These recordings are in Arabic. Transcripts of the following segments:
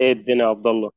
ايه الدنيا يا عبد الله؟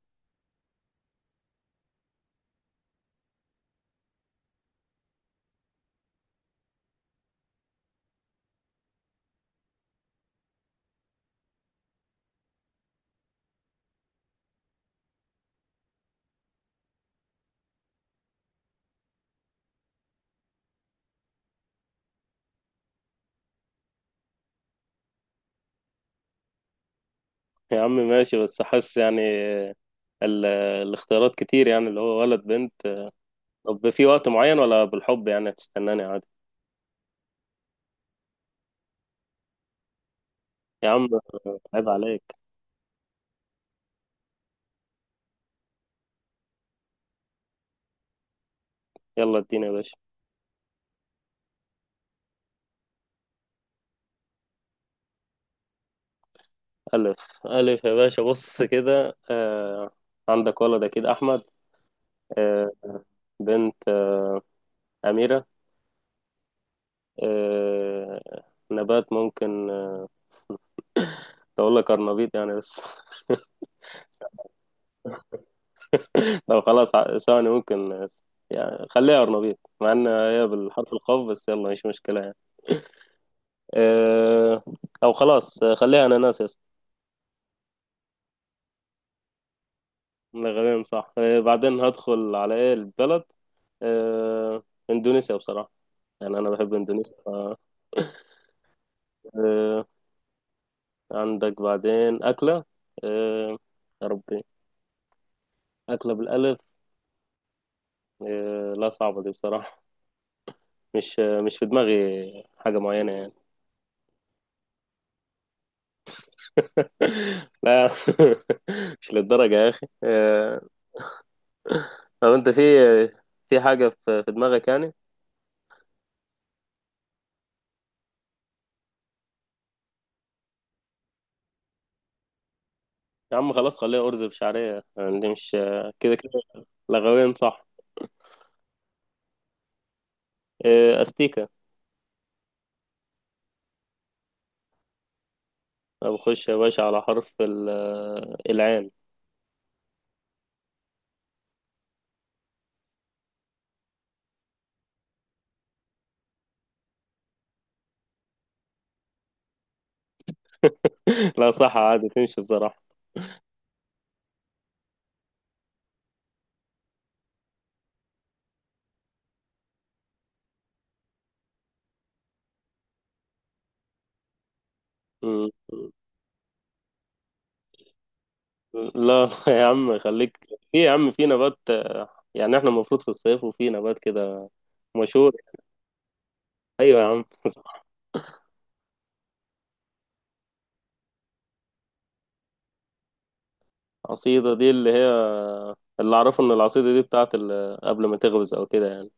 يا عم ماشي، بس حاسس يعني ال- الاختيارات كتير، يعني اللي هو ولد بنت. طب في وقت معين ولا بالحب يعني هتستناني عادي؟ يا عم عيب عليك. يلا اديني يا باشا. ألف. ألف يا باشا بص كده. عندك ولد أكيد أحمد. آه بنت، أميرة. آه نبات ممكن أقول لك أرنبيط يعني، بس لو خلاص، ثواني ممكن، يعني خليها أرنبيط مع إن هي بالحرف القاف، بس يلا مش مشكلة يعني. أه. أو خلاص، خليها أناناس يا اسطى. غالبا صح. بعدين هدخل على إيه، البلد. أه إندونيسيا بصراحة، يعني أنا بحب إندونيسيا أه عندك بعدين أكلة. أه يا ربي، أكلة بالألف. لا صعبة دي بصراحة، مش في دماغي حاجة معينة يعني. لا. مش للدرجة يا أخي. طب انت في في حاجة في في دماغك يعني؟ يا عم خلاص، خليها أرز بشعرية، يعني دي مش كده كده، لغويا صح. إيه، أستيكة. طب خش يا باشا على حرف العين. لا صح، عادي تمشي بصراحة. م- لا يا عم خليك في، يا عم في نبات. يعني احنا المفروض في الصيف وفي نبات كده مشهور. ايوه يا عم. عصيدة دي اللي هي، اللي اعرفه ان العصيدة دي بتاعت قبل ما تغمز او كده يعني.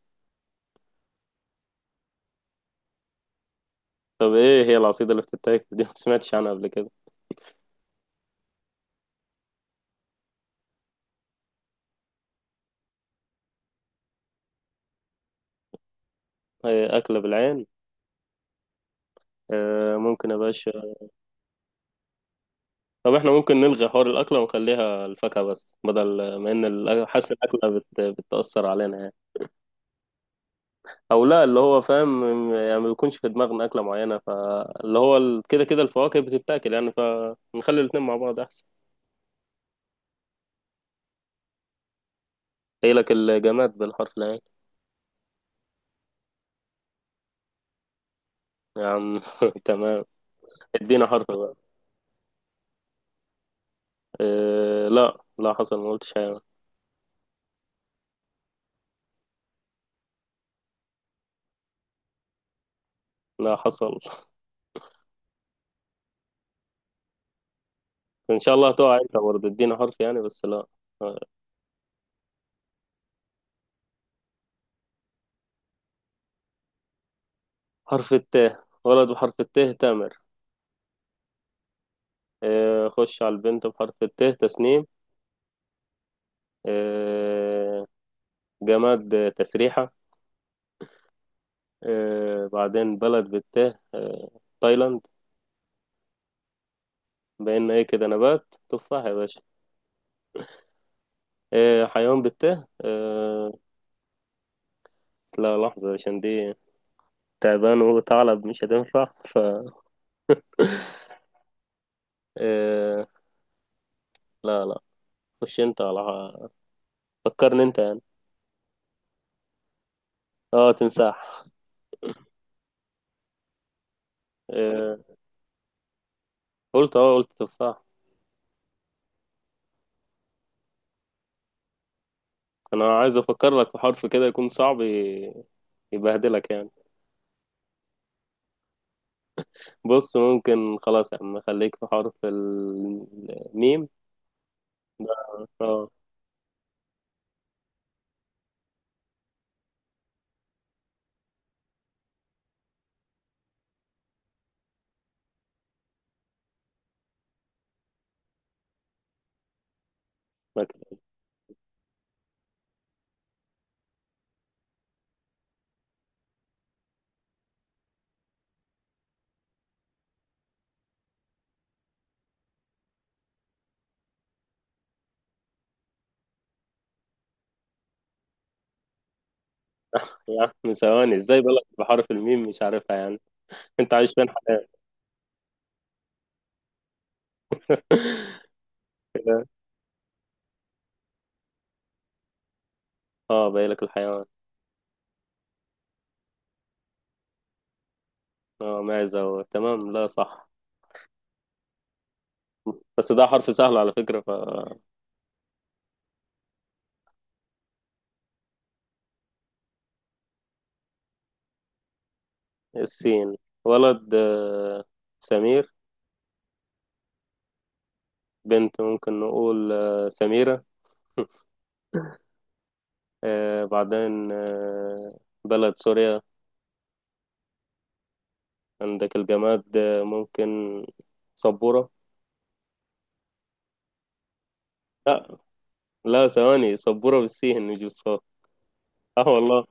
طب ايه هي العصيدة اللي بتتاكل دي؟ ما سمعتش عنها قبل كده. هي أكلة بالعين. ممكن يا باشا. طب احنا ممكن نلغي حوار الأكلة ونخليها الفاكهة بس، بدل ما إن حاسس الأكلة بتأثر علينا يعني. أو لا، اللي هو فاهم، يعني ما بيكونش في دماغنا أكلة معينة، فاللي هو كده كده الفواكه بتتاكل يعني، فنخلي الاتنين مع بعض أحسن. هي لك الجماد بالحرف العين. يا عم تمام. ادينا حرف بقى. إيه؟ لا لا حصل، ما قلتش حاجة. لا حصل. ان شاء الله تقع انت برضه، ادينا حرف يعني، بس لا. آه. حرف التاء، ولد بحرف التاء تامر. خش على البنت بحرف التاء تسنيم. آه، جماد، تسريحة. بعدين بلد بالتاء، تايلاند. بقينا ايه كده، نبات تفاح يا باشا. حيوان بالتاء، لا لحظة عشان دي تعبان وثعلب مش هتنفع آه، لا لا، خش انت على، فكرني انت يعني. اه تمساح. آه، قلت تفاح. انا عايز افكر لك في حرف كده يكون صعب، يبهدلك يعني. بص ممكن خلاص يا عم خليك في حرف الميم ده. اه. لك- يا عم ثواني، ازاي بالك بحرف الميم مش عارفها يعني؟ انت عايش فين حاليا؟ كده. اه بايلك الحيوان. اه معزة، تمام، لا صح. بس ده حرف سهل على فكرة السين. ولد سمير. بنت ممكن نقول سميرة. بعدين بلد سوريا. عندك الجماد، ممكن سبورة. لا لا ثواني، سبورة بالسين مش بالصاد. اه والله.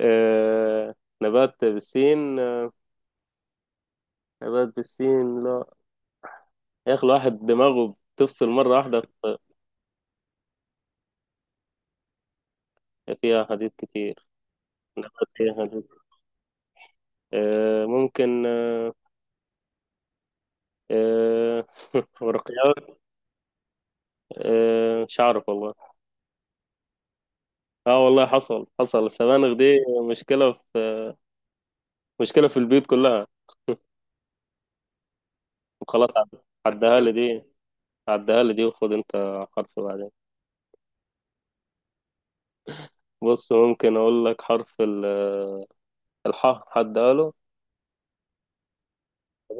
آه نبات بالسين، نبات بالسين لا. يا أخي الواحد دماغه بتفصل مرة واحدة فيها حديث كتير. نبات فيها حديث. ممكن. آه ورقيات. مش عارف والله. اه والله حصل، حصل السبانخ دي، مشكلة في مشكلة في البيوت كلها. وخلاص، عدها لي دي. عدها لي دي، وخد انت حرف بعدين. بص ممكن اقول لك حرف الحاء، عدها له.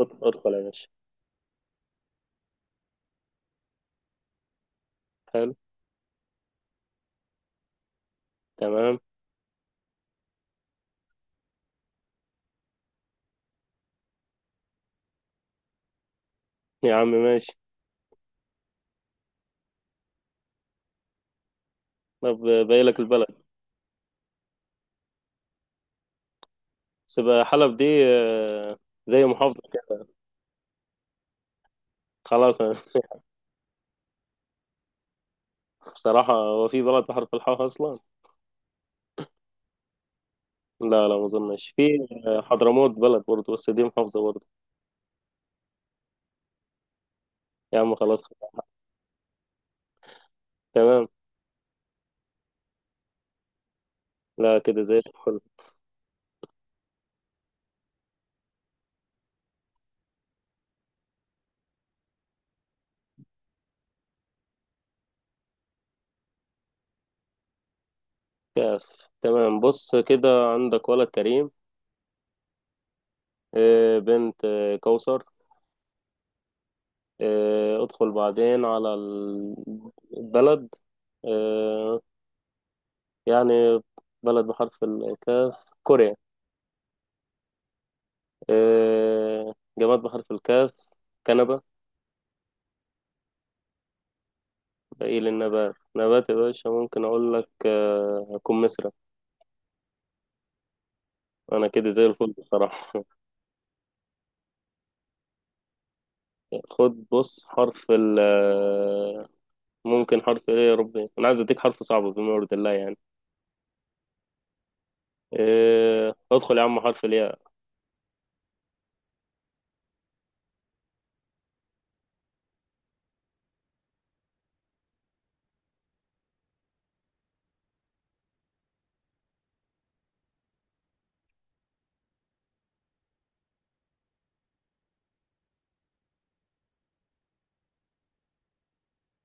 ادخل ادخل يا باشا. حلو. تمام. يا عم ماشي. طب باقي لك البلد. بس بقى حلب دي، زي محافظة كده. خلاص أنا. بصراحة، هو في بلد بحرف الحاء أصلا؟ لا لا، ما أظنش في. حضرموت بلد برضه، بس دي محافظة برضه. يا عم خلاص تمام. لا، كده زي الفل. كاف. تمام، بص كده، عندك ولد كريم. بنت كوثر. ادخل بعدين على البلد، آه، يعني بلد بحرف الكاف كوريا. جماد بحرف الكاف، كنبة. باقي للنبات، نبات يا باشا ممكن أقول لك كمثرى. أنا كده زي الفل بصراحة. خد بص حرف ال آه، ممكن حرف إيه، يا ربي أنا عايز أديك حرف صعب بما يرضي الله يعني. ادخل يا عم، حرف الياء.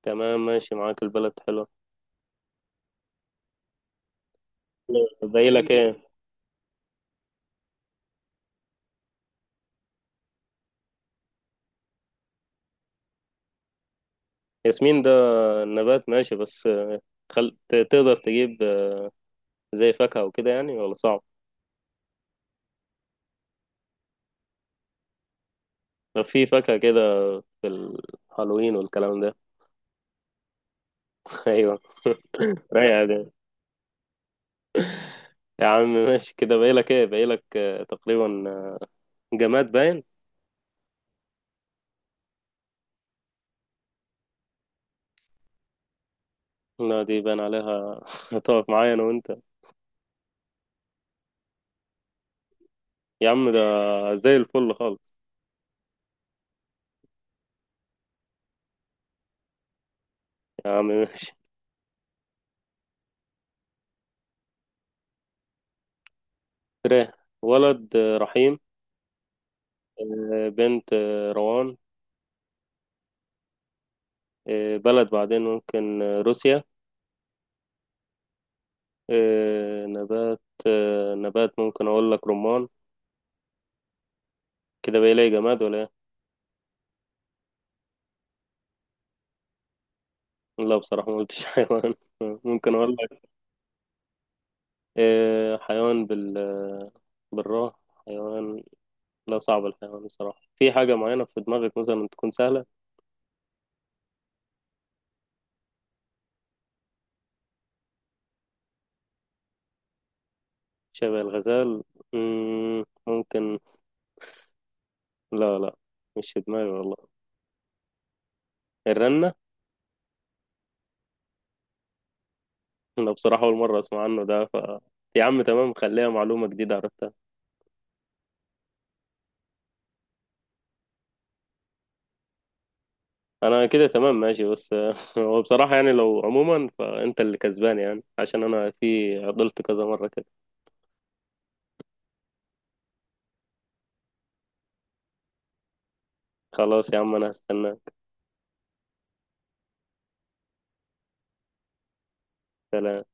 تمام ماشي، معاك البلد حلو. باقي لك إيه؟ ياسمين ده نبات ماشي، بس تقدر تجيب زي فاكهة وكده يعني، ولا صعب؟ طب في فاكهة كده في الهالوين والكلام ده؟ ايوه. رايقة دي. يا عم ماشي، كده باقيلك تقريبا جماد باين. لا دي باين عليها، هتقف معايا انا وانت. يا عم ده زي الفل خالص. يا عم ماشي. تراه. ولد رحيم. بنت روان. بلد بعدين ممكن روسيا. إيه نبات. نبات ممكن اقول لك رمان. كده بقى لي جماد ولا ايه؟ لا بصراحة ما قلتش حيوان. ممكن اقول لك إيه، حيوان بال، بالراء، حيوان. لا صعب الحيوان بصراحة، في حاجة معينة في دماغك مثلا تكون سهلة؟ شبه الغزال؟ مم، ممكن. لا لا، مش في دماغي والله. الرنة؟ أنا بصراحة أول مرة أسمع عنه ده يا عم تمام، خليها معلومة جديدة عرفتها. انا كده تمام ماشي، بس هو بصراحة يعني لو عموما فانت اللي كسبان، يعني عشان انا في عضلت كذا مرة كده. خلاص يا عم انا هستناك. سلام.